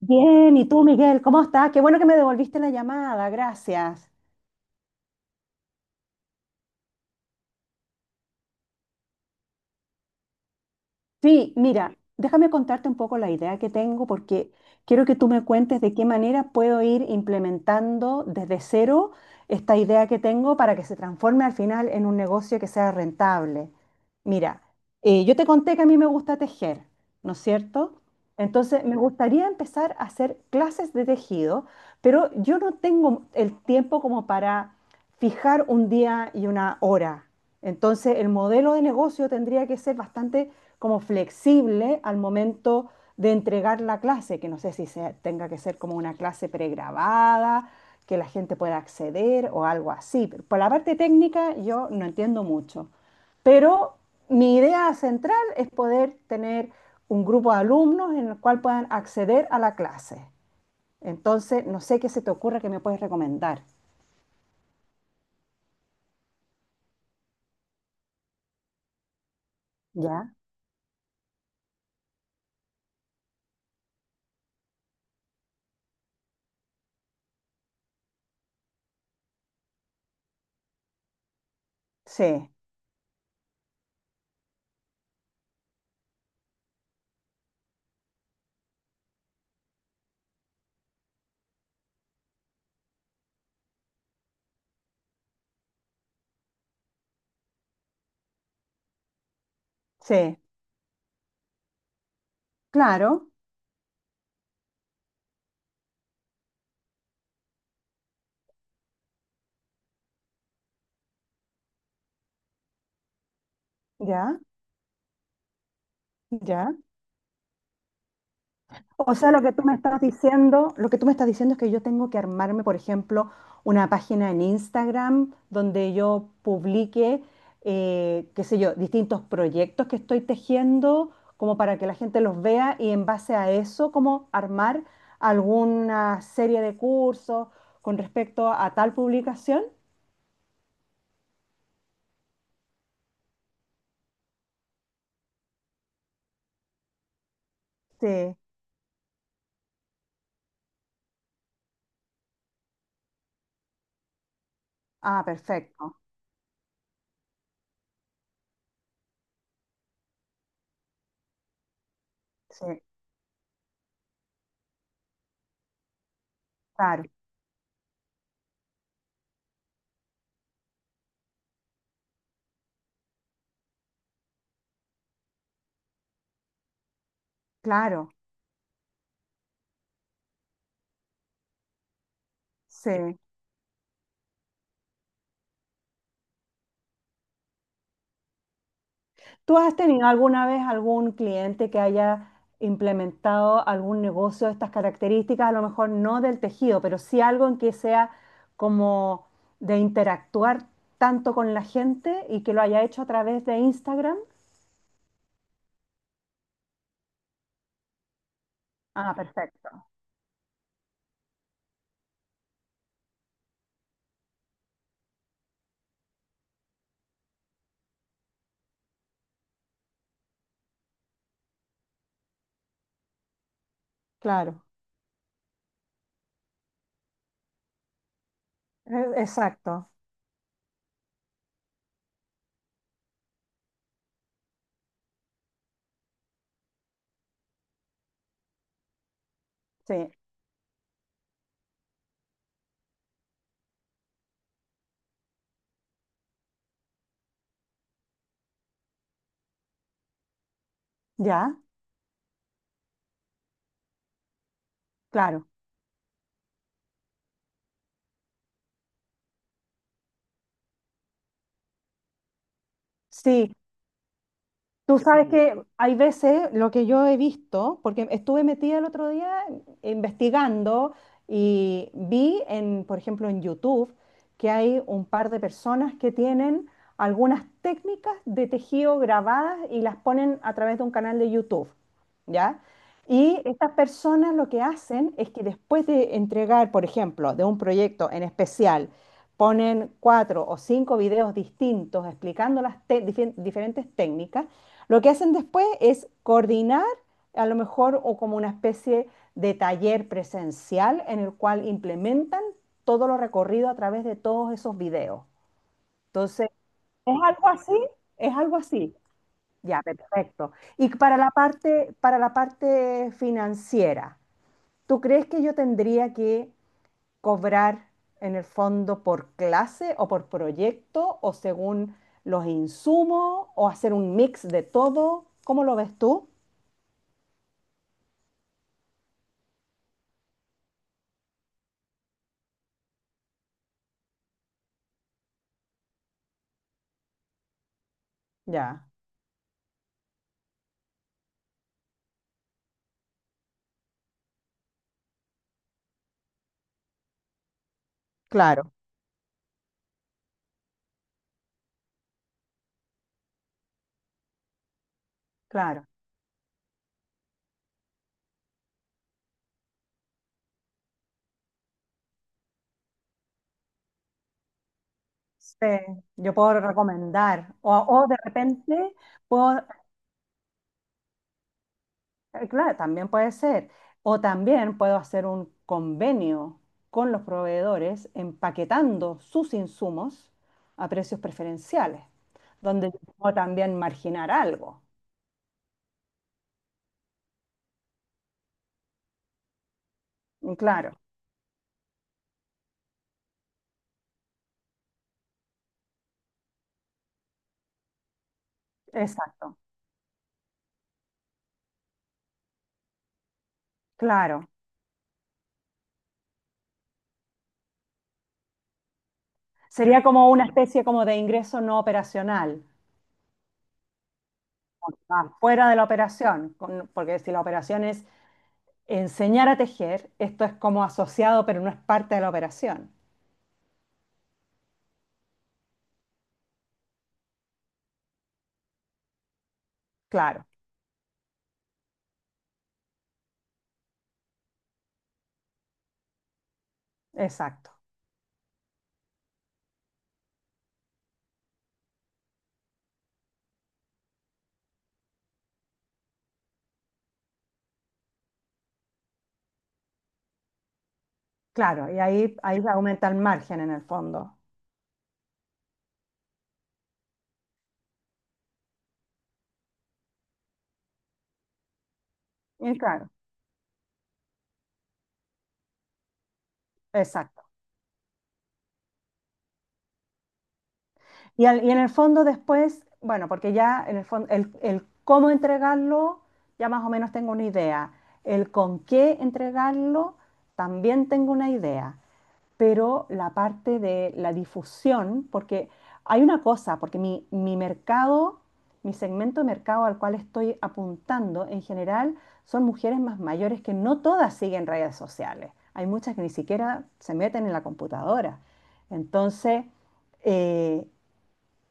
Bien, ¿y tú, Miguel? ¿Cómo estás? Qué bueno que me devolviste la llamada, gracias. Sí, mira, déjame contarte un poco la idea que tengo porque quiero que tú me cuentes de qué manera puedo ir implementando desde cero esta idea que tengo para que se transforme al final en un negocio que sea rentable. Mira, yo te conté que a mí me gusta tejer, ¿no es cierto? Entonces, me gustaría empezar a hacer clases de tejido, pero yo no tengo el tiempo como para fijar un día y una hora. Entonces, el modelo de negocio tendría que ser bastante como flexible al momento de entregar la clase, que no sé si se- tenga que ser como una clase pregrabada, que la gente pueda acceder o algo así. Pero por la parte técnica yo no entiendo mucho, pero mi idea central es poder tener un grupo de alumnos en el cual puedan acceder a la clase. Entonces, no sé qué se te ocurra que me puedes recomendar. ¿Ya? Sí, sí, claro, ya, ya. O sea, lo que tú me estás diciendo, es que yo tengo que armarme, por ejemplo, una página en Instagram donde yo publique, qué sé yo, distintos proyectos que estoy tejiendo, como para que la gente los vea y en base a eso, como armar alguna serie de cursos con respecto a tal publicación. Sí. Ah, perfecto. Sí, claro, claro. Sí, ¿tú has tenido alguna vez algún cliente que haya implementado algún negocio de estas características? A lo mejor no del tejido, pero sí algo en que sea como de interactuar tanto con la gente y que lo haya hecho a través de Instagram. Ah, perfecto. Claro, exacto. Sí, ya, claro. Sí, tú sabes que hay veces lo que yo he visto, porque estuve metida el otro día investigando y vi en, por ejemplo, en YouTube que hay un par de personas que tienen algunas técnicas de tejido grabadas y las ponen a través de un canal de YouTube, ¿ya? Y estas personas lo que hacen es que después de entregar, por ejemplo, de un proyecto en especial, ponen cuatro o cinco videos distintos explicando las diferentes técnicas. Lo que hacen después es coordinar a lo mejor o como una especie de taller presencial en el cual implementan todo lo recorrido a través de todos esos videos. Entonces, ¿es algo así? ¿Es algo así? Ya, perfecto. Y para la parte, financiera, ¿tú crees que yo tendría que cobrar en el fondo por clase o por proyecto o según los insumos o hacer un mix de todo? ¿Cómo lo ves tú? Ya, claro, claro. Sí, yo puedo recomendar. O de repente puedo, claro, también puede ser. O también puedo hacer un convenio con los proveedores empaquetando sus insumos a precios preferenciales, donde yo puedo también marginar algo. Mm, claro, exacto, claro. Sería como una especie como de ingreso no operacional, ah, fuera de la operación, porque si la operación es enseñar a tejer, esto es como asociado, pero no es parte de la operación. Claro, exacto. Claro, y ahí, aumenta el margen en el fondo. Y claro, exacto. Y en el fondo después, bueno, porque ya en el fondo, el cómo entregarlo, ya más o menos tengo una idea. El con qué entregarlo, también tengo una idea. Pero la parte de la difusión, porque hay una cosa, porque mi mercado, mi segmento de mercado al cual estoy apuntando en general son mujeres más mayores que no todas siguen redes sociales. Hay muchas que ni siquiera se meten en la computadora. Entonces, eh,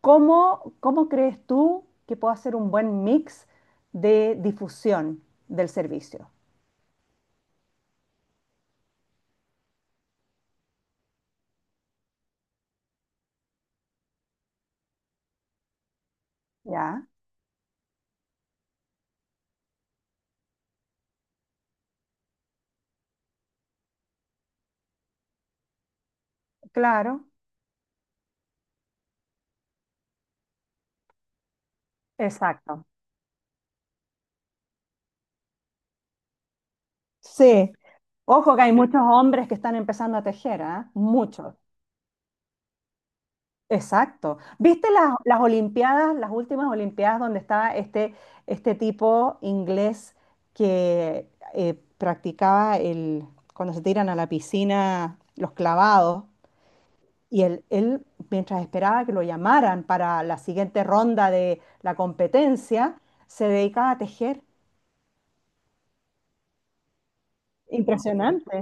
¿cómo, crees tú que puedo hacer un buen mix de difusión del servicio? ¿Ya? Claro, exacto. Sí, ojo que hay muchos hombres que están empezando a tejer, ¿ah? Muchos. Exacto. ¿Viste las Olimpiadas, las últimas Olimpiadas donde estaba este, este tipo inglés que practicaba el, cuando se tiran a la piscina los clavados? Y él, mientras esperaba que lo llamaran para la siguiente ronda de la competencia, se dedicaba a tejer. Impresionante.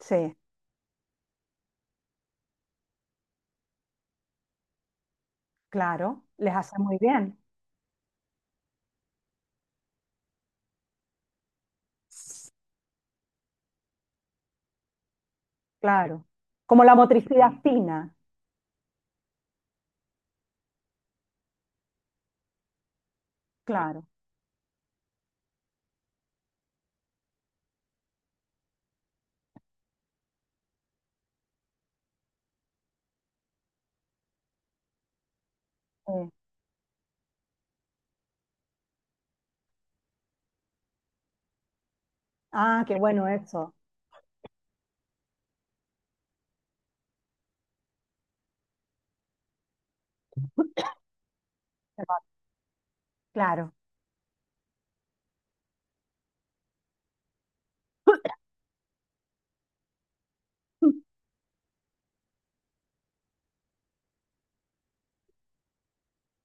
Sí, claro, les hace muy bien. Claro. Como la motricidad fina, claro. Eh. Ah, qué bueno eso. Claro.